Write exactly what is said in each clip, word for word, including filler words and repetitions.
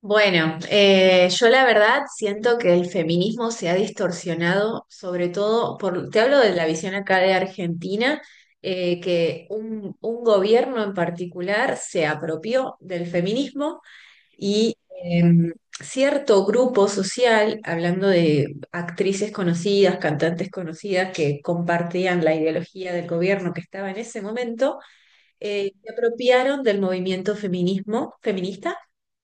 Bueno, eh, yo la verdad siento que el feminismo se ha distorsionado, sobre todo por, te hablo de la visión acá de Argentina, eh, que un, un gobierno en particular se apropió del feminismo y em, cierto grupo social, hablando de actrices conocidas, cantantes conocidas que compartían la ideología del gobierno que estaba en ese momento, eh, se apropiaron del movimiento feminismo, feminista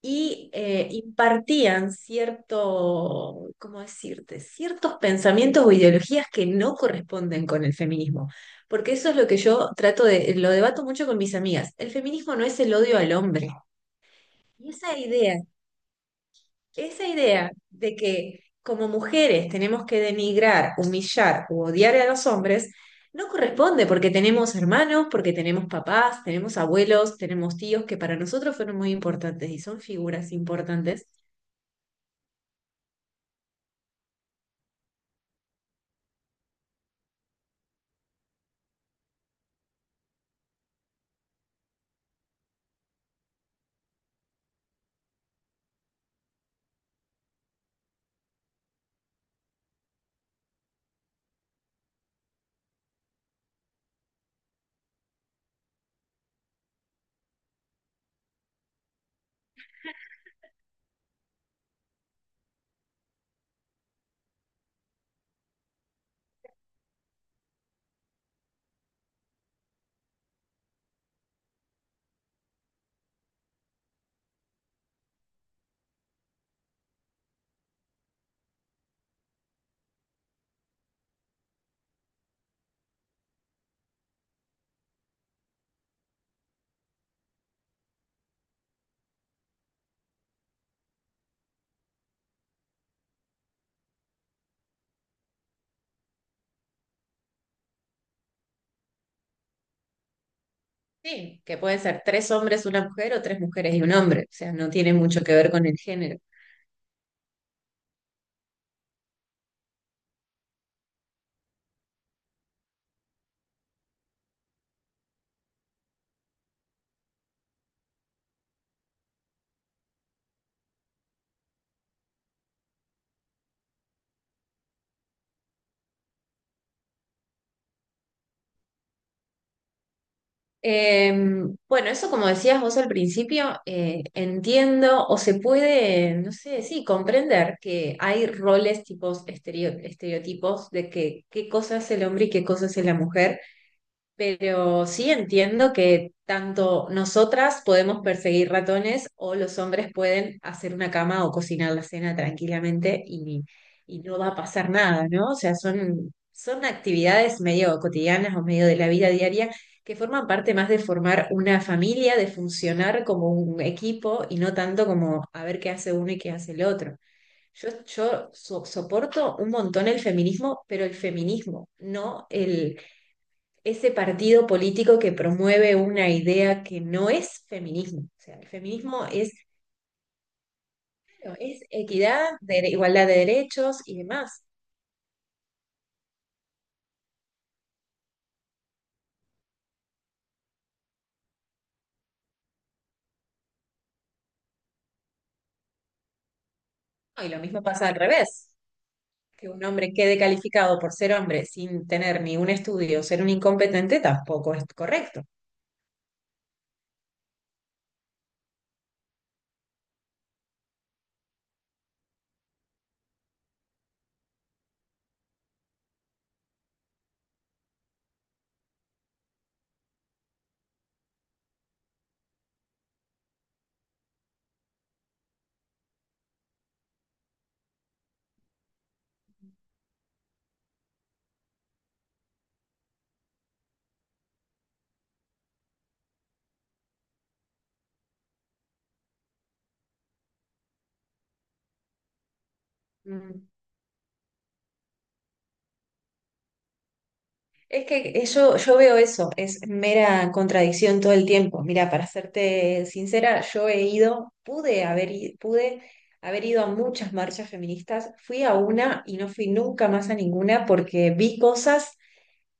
y eh, impartían cierto, ¿cómo decirte?, ciertos pensamientos o ideologías que no corresponden con el feminismo. Porque eso es lo que yo trato de, lo debato mucho con mis amigas. El feminismo no es el odio al hombre. Y esa idea, esa idea de que como mujeres tenemos que denigrar, humillar o odiar a los hombres, no corresponde porque tenemos hermanos, porque tenemos papás, tenemos abuelos, tenemos tíos que para nosotros fueron muy importantes y son figuras importantes. Sí, que pueden ser tres hombres, una mujer o tres mujeres y un hombre, o sea, no tiene mucho que ver con el género. Eh, bueno, eso como decías vos al principio, eh, entiendo o se puede, no sé, sí, comprender que hay roles, tipos, estereo- estereotipos de que qué cosa es el hombre y qué cosa es la mujer. Pero sí entiendo que tanto nosotras podemos perseguir ratones o los hombres pueden hacer una cama o cocinar la cena tranquilamente y, y no va a pasar nada, ¿no? O sea, son, son actividades medio cotidianas o medio de la vida diaria que forman parte más de formar una familia, de funcionar como un equipo y no tanto como a ver qué hace uno y qué hace el otro. Yo, yo so- soporto un montón el feminismo, pero el feminismo, no el ese partido político que promueve una idea que no es feminismo. O sea, el feminismo es, es equidad, de- igualdad de derechos y demás. No, y lo mismo pasa al revés, que un hombre quede calificado por ser hombre sin tener ni un estudio, ser un incompetente, tampoco es correcto. Mm. Es que eso, yo veo eso, es mera contradicción todo el tiempo. Mira, para serte sincera, yo he ido, pude haber, i- pude haber ido a muchas marchas feministas, fui a una y no fui nunca más a ninguna porque vi cosas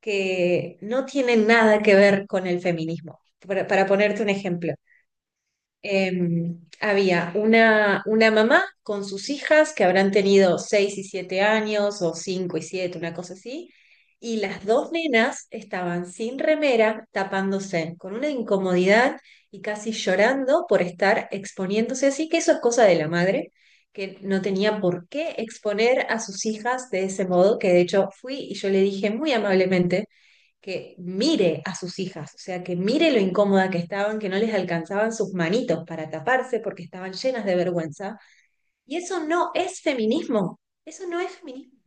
que no tienen nada que ver con el feminismo. Para, para ponerte un ejemplo, em, había una, una mamá con sus hijas que habrán tenido seis y siete años o cinco y siete, una cosa así, y las dos nenas estaban sin remera, tapándose, con una incomodidad y casi llorando por estar exponiéndose así, que eso es cosa de la madre, que no tenía por qué exponer a sus hijas de ese modo, que de hecho fui y yo le dije muy amablemente que mire a sus hijas, o sea, que mire lo incómoda que estaban, que no les alcanzaban sus manitos para taparse porque estaban llenas de vergüenza. Y eso no es feminismo, eso no es feminismo.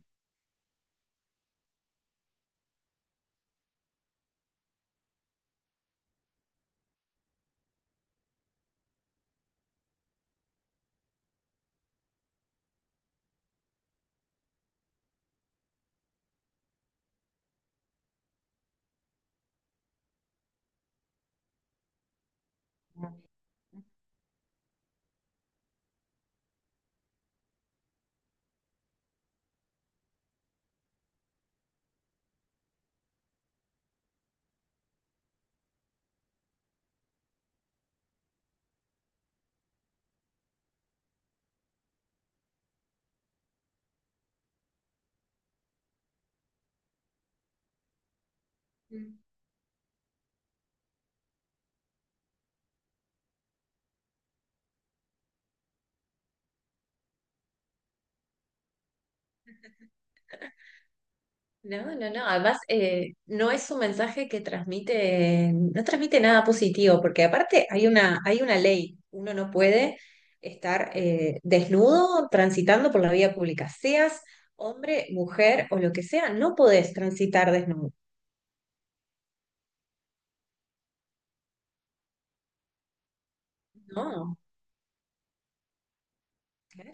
Mm. No, no, no. Además, eh, no es un mensaje que transmite, no transmite nada positivo, porque aparte hay una, hay una ley. Uno no puede estar eh, desnudo transitando por la vía pública, seas hombre, mujer o lo que sea, no podés transitar desnudo. No, claro.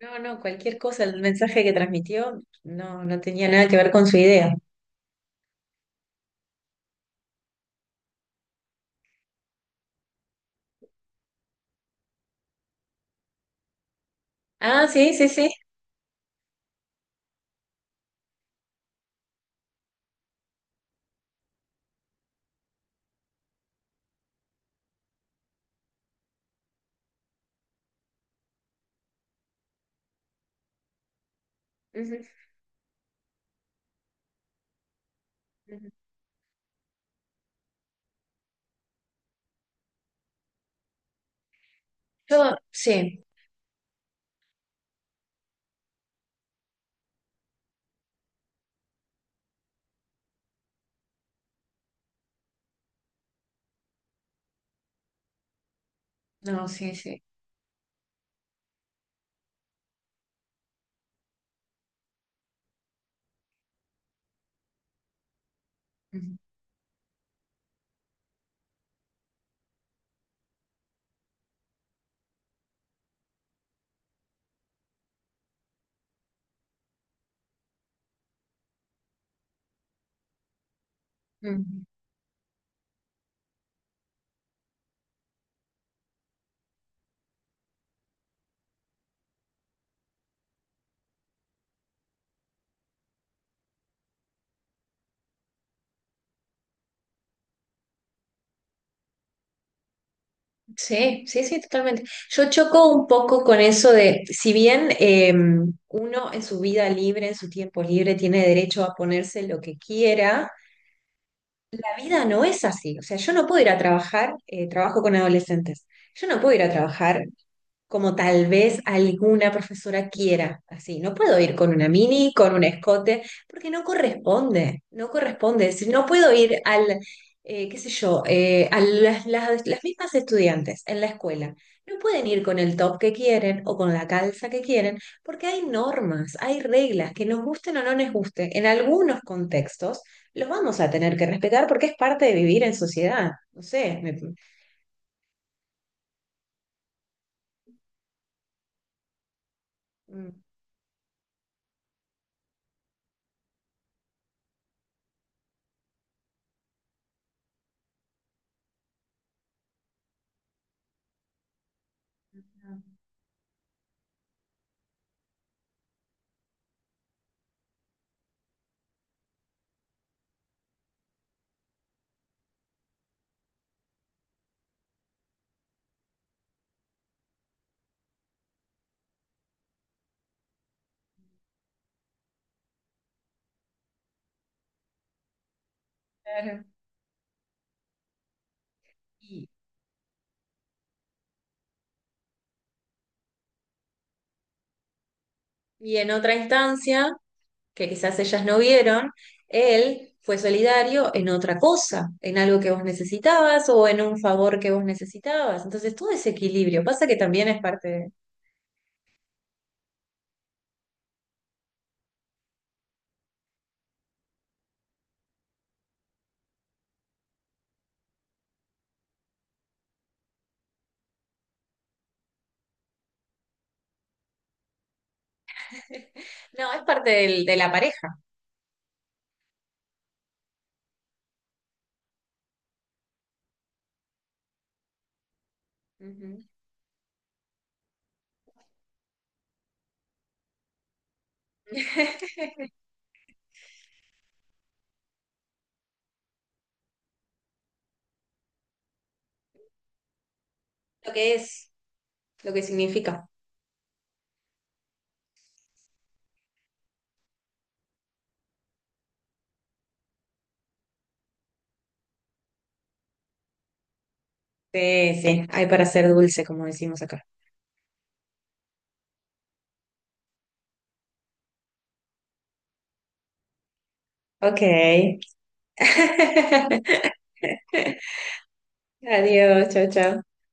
No, no, cualquier cosa, el mensaje que transmitió no, no tenía nada que ver con su idea. Ah, sí, sí, sí. Ujú, ujú. Yo, sí. No, sí, sí. Ujú, ujú. Sí, sí, sí, totalmente. Yo choco un poco con eso de, si bien eh, uno en su vida libre, en su tiempo libre, tiene derecho a ponerse lo que quiera, la vida no es así. O sea, yo no puedo ir a trabajar, eh, trabajo con adolescentes, yo no puedo ir a trabajar como tal vez alguna profesora quiera, así. No puedo ir con una mini, con un escote, porque no corresponde, no corresponde. Si no puedo ir al, eh, qué sé yo, eh, a las, las, las mismas estudiantes en la escuela. No pueden ir con el top que quieren o con la calza que quieren, porque hay normas, hay reglas que nos gusten o no nos gusten. En algunos contextos los vamos a tener que respetar porque es parte de vivir en sociedad. No sé. me- mm, Claro. Y, y en otra instancia que quizás ellas no vieron, él fue solidario en otra cosa, en algo que vos necesitabas o en un favor que vos necesitabas. Entonces, todo ese equilibrio pasa que también es parte de... No, es parte del- de la pareja. Ujú. Lo que es, lo que significa. Sí, sí, hay para ser dulce, como decimos acá. Ok. Adiós, chao, chao.